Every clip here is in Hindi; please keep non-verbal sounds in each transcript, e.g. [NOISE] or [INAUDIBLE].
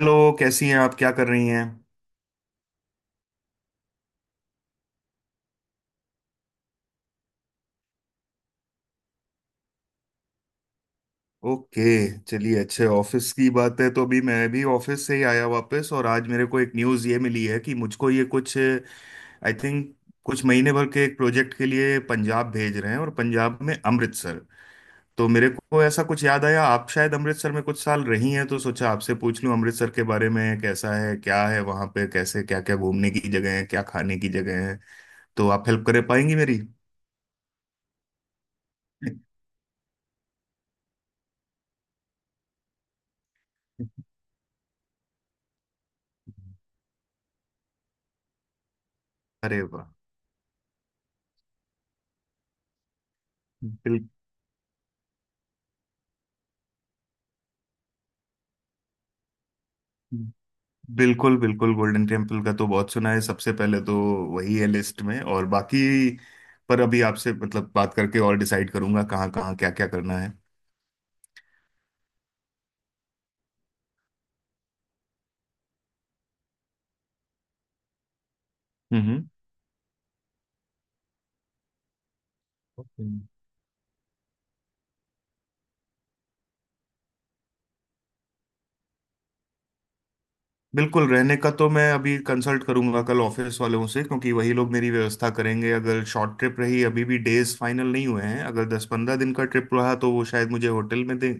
हेलो, कैसी हैं आप? क्या कर रही हैं? ओके। चलिए, अच्छे ऑफिस की बात है। तो अभी मैं भी ऑफिस से ही आया वापस, और आज मेरे को एक न्यूज़ ये मिली है कि मुझको ये कुछ आई थिंक कुछ महीने भर के एक प्रोजेक्ट के लिए पंजाब भेज रहे हैं, और पंजाब में अमृतसर। तो मेरे को ऐसा कुछ याद आया, आप शायद अमृतसर में कुछ साल रही हैं, तो सोचा आपसे पूछ लूं अमृतसर के बारे में कैसा है, क्या है वहां पे, कैसे, क्या क्या घूमने की जगह है, क्या खाने की जगह है, तो आप हेल्प कर पाएंगी मेरी। [LAUGHS] अरे वाह। बिल्कुल। बिल्कुल, बिल्कुल गोल्डन टेम्पल का तो बहुत सुना है। सबसे पहले तो वही है लिस्ट में, और बाकी पर अभी आपसे मतलब बात करके और डिसाइड करूंगा कहाँ कहाँ क्या क्या करना है। हम्म, ओके। बिल्कुल, रहने का तो मैं अभी कंसल्ट करूंगा कल ऑफिस वालों से, क्योंकि वही लोग मेरी व्यवस्था करेंगे। अगर शॉर्ट ट्रिप रही, अभी भी डेज फाइनल नहीं हुए हैं, अगर 10-15 दिन का ट्रिप रहा तो वो शायद मुझे होटल में दें,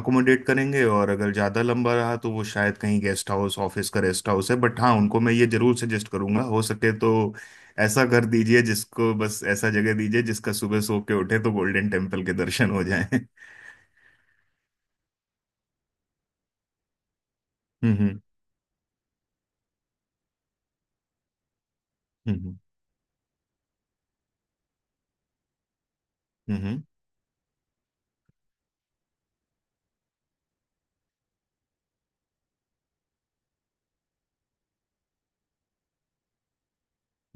अकोमोडेट करेंगे। और अगर ज़्यादा लंबा रहा तो वो शायद कहीं गेस्ट हाउस, ऑफिस का रेस्ट हाउस है। बट हाँ, उनको मैं ये जरूर सजेस्ट करूंगा, हो सके तो ऐसा घर दीजिए जिसको, बस ऐसा जगह दीजिए जिसका सुबह सो के उठे तो गोल्डन टेम्पल के दर्शन हो जाएं। हम्म, हम्म, हम्म, हम्म,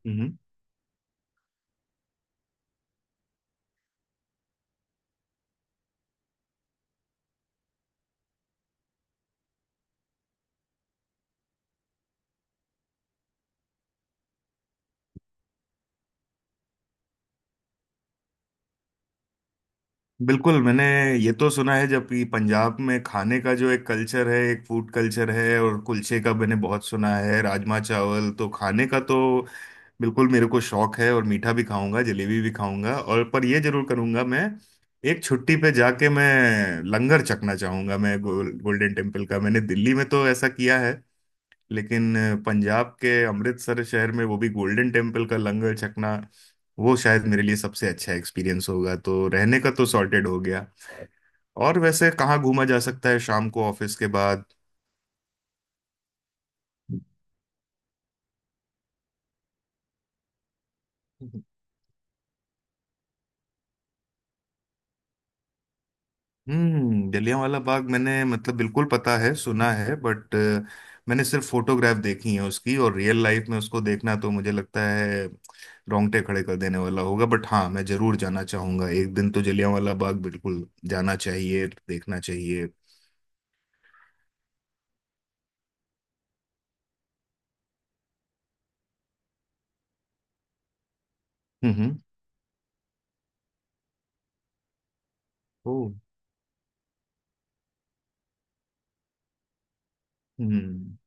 हम्म। बिल्कुल। मैंने ये तो सुना है जबकि पंजाब में खाने का जो एक कल्चर है, एक फूड कल्चर है, और कुलचे का मैंने बहुत सुना है। राजमा चावल तो खाने का तो बिल्कुल मेरे को शौक है। और मीठा भी खाऊंगा, जलेबी भी खाऊंगा। और पर ये जरूर करूंगा मैं, एक छुट्टी पे जाके मैं लंगर चखना चाहूंगा मैं गोल्डन टेम्पल का। मैंने दिल्ली में तो ऐसा किया है, लेकिन पंजाब के अमृतसर शहर में वो भी गोल्डन टेम्पल का लंगर छकना, वो शायद मेरे लिए सबसे अच्छा एक्सपीरियंस होगा। तो रहने का तो सॉर्टेड हो गया, और वैसे कहाँ घूमा जा सकता है शाम को ऑफिस के बाद? हम्म। जलियांवाला बाग, मैंने मतलब बिल्कुल पता है, सुना है, बट मैंने सिर्फ फोटोग्राफ देखी है उसकी। और रियल लाइफ में उसको देखना तो मुझे लगता है रोंगटे खड़े कर देने वाला होगा। बट हाँ, मैं जरूर जाना चाहूंगा एक दिन, तो जलियांवाला बाग बिल्कुल जाना चाहिए, देखना चाहिए। हम्म। ओ। हम्म।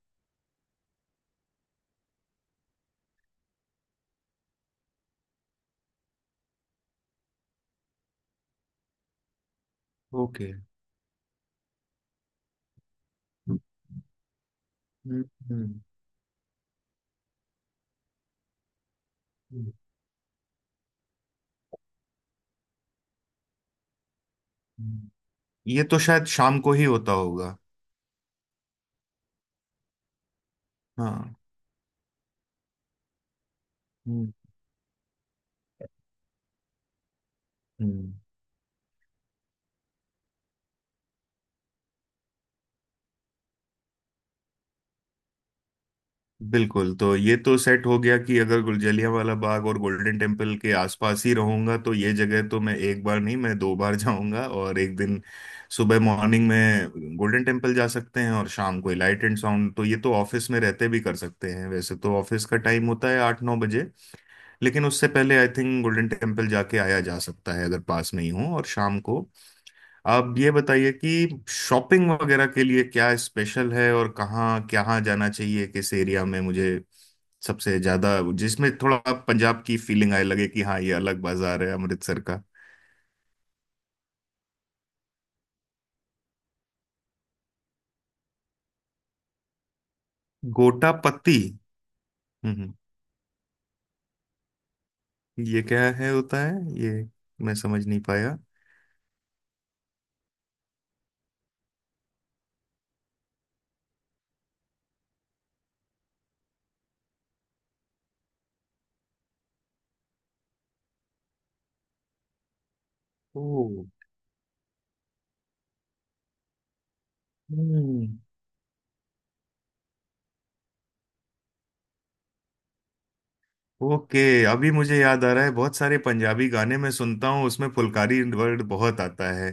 ओके। हम्म, हम्म, हम्म। हम्म। ये तो शायद शाम को ही होता होगा। हाँ। हम्म, हम्म। बिल्कुल, तो ये तो सेट हो गया कि अगर जलियांवाला बाग और गोल्डन टेम्पल के आसपास ही रहूंगा तो ये जगह तो मैं एक बार नहीं, मैं दो बार जाऊंगा। और एक दिन सुबह मॉर्निंग में गोल्डन टेम्पल जा सकते हैं, और शाम को लाइट एंड साउंड तो ये तो ऑफिस में रहते भी कर सकते हैं। वैसे तो ऑफिस का टाइम होता है 8-9 बजे, लेकिन उससे पहले आई थिंक गोल्डन टेम्पल जाके आया जा सकता है अगर पास नहीं हो। और शाम को आप ये बताइए कि शॉपिंग वगैरह के लिए क्या स्पेशल है, और कहाँ कहाँ जाना चाहिए, किस एरिया में मुझे सबसे ज्यादा जिसमें थोड़ा पंजाब की फीलिंग आए, लगे कि हाँ ये अलग बाजार है अमृतसर का। गोटापत्ती। हम्म। ये क्या है, होता है ये? मैं समझ नहीं पाया। ओ। ओके। अभी मुझे याद आ रहा है, बहुत सारे पंजाबी गाने मैं सुनता हूँ, उसमें फुलकारी वर्ड बहुत आता है।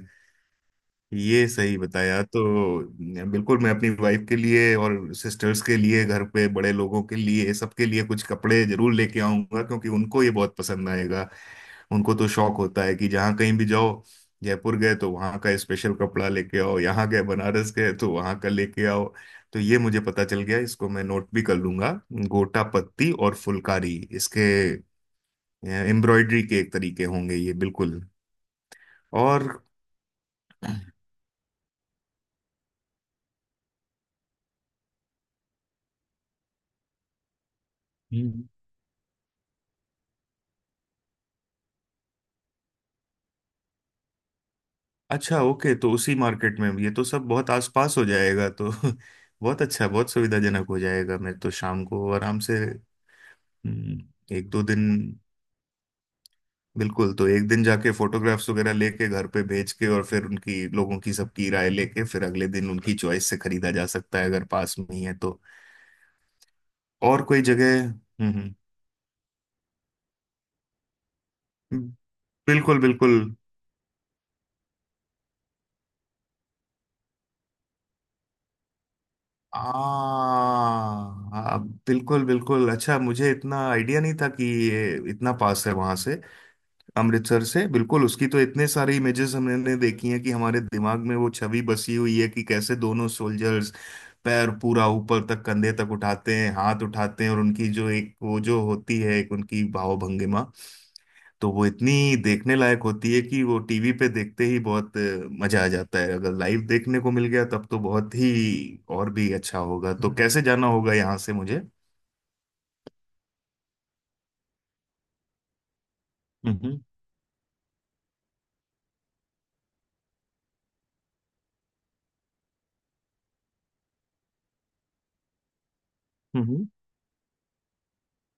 ये सही बताया तो। बिल्कुल, मैं अपनी वाइफ के लिए और सिस्टर्स के लिए, घर पे बड़े लोगों के लिए, सबके लिए कुछ कपड़े जरूर लेके आऊंगा, क्योंकि उनको ये बहुत पसंद आएगा। उनको तो शौक होता है कि जहाँ कहीं भी जाओ, जयपुर गए तो वहाँ का स्पेशल कपड़ा लेके आओ, यहाँ गए, बनारस गए तो वहाँ का लेके आओ। तो ये मुझे पता चल गया, इसको मैं नोट भी कर लूंगा, गोटा पत्ती और फुलकारी। इसके एम्ब्रॉयडरी के एक तरीके होंगे ये, बिल्कुल। और हम्म। अच्छा, ओके, तो उसी मार्केट में ये तो सब बहुत आसपास हो जाएगा तो [LAUGHS] बहुत अच्छा, बहुत सुविधाजनक हो जाएगा। मैं तो शाम को आराम से हम्म, एक दो दिन, बिल्कुल, तो एक दिन जाके फोटोग्राफ्स वगैरह लेके घर पे भेज के और फिर उनकी, लोगों की, सबकी राय लेके फिर अगले दिन उनकी चॉइस से खरीदा जा सकता है, अगर पास में ही है तो। और कोई जगह? हम्म, हम्म, बिल्कुल, बिल्कुल। आ, आ, बिल्कुल, बिल्कुल, अच्छा मुझे इतना आइडिया नहीं था कि ये इतना पास है वहां से, अमृतसर से। बिल्कुल, उसकी तो इतने सारे इमेजेस हमने देखी हैं कि हमारे दिमाग में वो छवि बसी हुई है कि कैसे दोनों सोल्जर्स पैर पूरा ऊपर तक, कंधे तक उठाते हैं, हाथ उठाते हैं, और उनकी जो एक वो जो होती है एक उनकी भावभंगिमा, तो वो इतनी देखने लायक होती है कि वो टीवी पे देखते ही बहुत मजा आ जाता है। अगर लाइव देखने को मिल गया तब तो बहुत ही और भी अच्छा होगा। तो हम्म, कैसे जाना होगा यहाँ से मुझे? हम्म।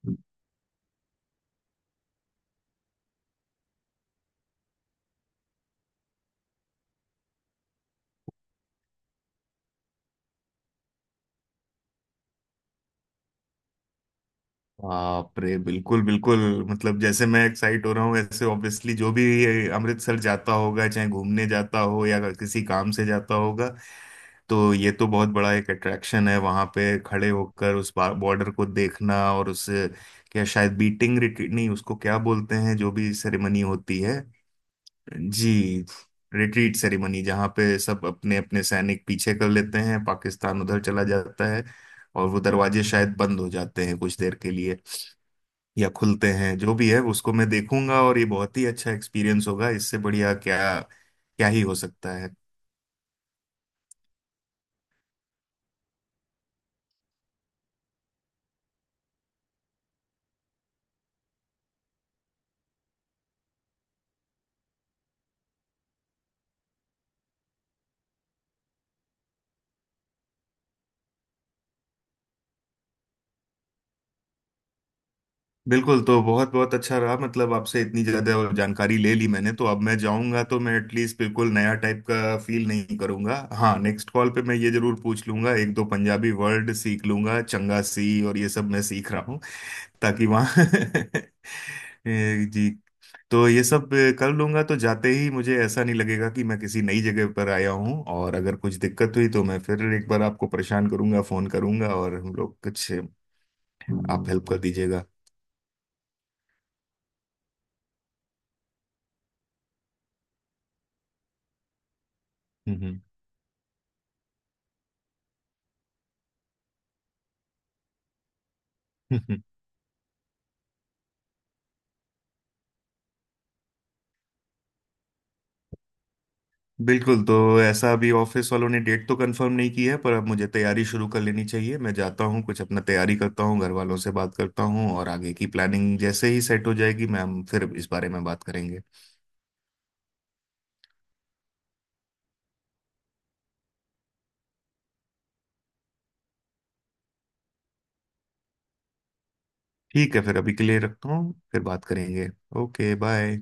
हम्म। बाप रे, बिल्कुल, बिल्कुल, मतलब जैसे मैं एक्साइट हो रहा हूँ, ऐसे ऑब्वियसली जो भी ये अमृतसर जाता होगा, चाहे घूमने जाता हो या किसी काम से जाता होगा, तो ये तो बहुत बड़ा एक अट्रैक्शन है वहां पे, खड़े होकर उस बॉर्डर को देखना। और उस क्या, शायद बीटिंग रिट्रीट, नहीं, उसको क्या बोलते हैं, जो भी सेरेमनी होती है। जी, रिट्रीट सेरेमनी, जहाँ पे सब अपने अपने सैनिक पीछे कर लेते हैं, पाकिस्तान उधर चला जाता है, और वो दरवाजे शायद बंद हो जाते हैं कुछ देर के लिए, या खुलते हैं, जो भी है उसको मैं देखूंगा, और ये बहुत ही अच्छा एक्सपीरियंस होगा। इससे बढ़िया क्या क्या ही हो सकता है। बिल्कुल, तो बहुत बहुत अच्छा रहा, मतलब आपसे इतनी ज़्यादा जानकारी ले ली मैंने, तो अब मैं जाऊंगा तो मैं एटलीस्ट बिल्कुल नया टाइप का फील नहीं करूंगा। हाँ, नेक्स्ट कॉल पे मैं ये जरूर पूछ लूंगा, एक दो पंजाबी वर्ड सीख लूंगा, चंगा सी और ये सब मैं सीख रहा हूँ ताकि वहाँ [LAUGHS] जी, तो ये सब कर लूंगा तो जाते ही मुझे ऐसा नहीं लगेगा कि मैं किसी नई जगह पर आया हूँ। और अगर कुछ दिक्कत हुई तो मैं फिर एक बार आपको परेशान करूंगा, फोन करूंगा, और हम लोग कुछ, आप हेल्प कर दीजिएगा। हम्म, हम्म। [LAUGHS] बिल्कुल, तो ऐसा अभी ऑफिस वालों ने डेट तो कंफर्म नहीं की है, पर अब मुझे तैयारी शुरू कर लेनी चाहिए। मैं जाता हूँ, कुछ अपना तैयारी करता हूँ, घर वालों से बात करता हूँ, और आगे की प्लानिंग जैसे ही सेट हो जाएगी मैम, फिर इस बारे में बात करेंगे। ठीक है, फिर अभी के लिए रखता हूँ, फिर बात करेंगे। Okay, bye.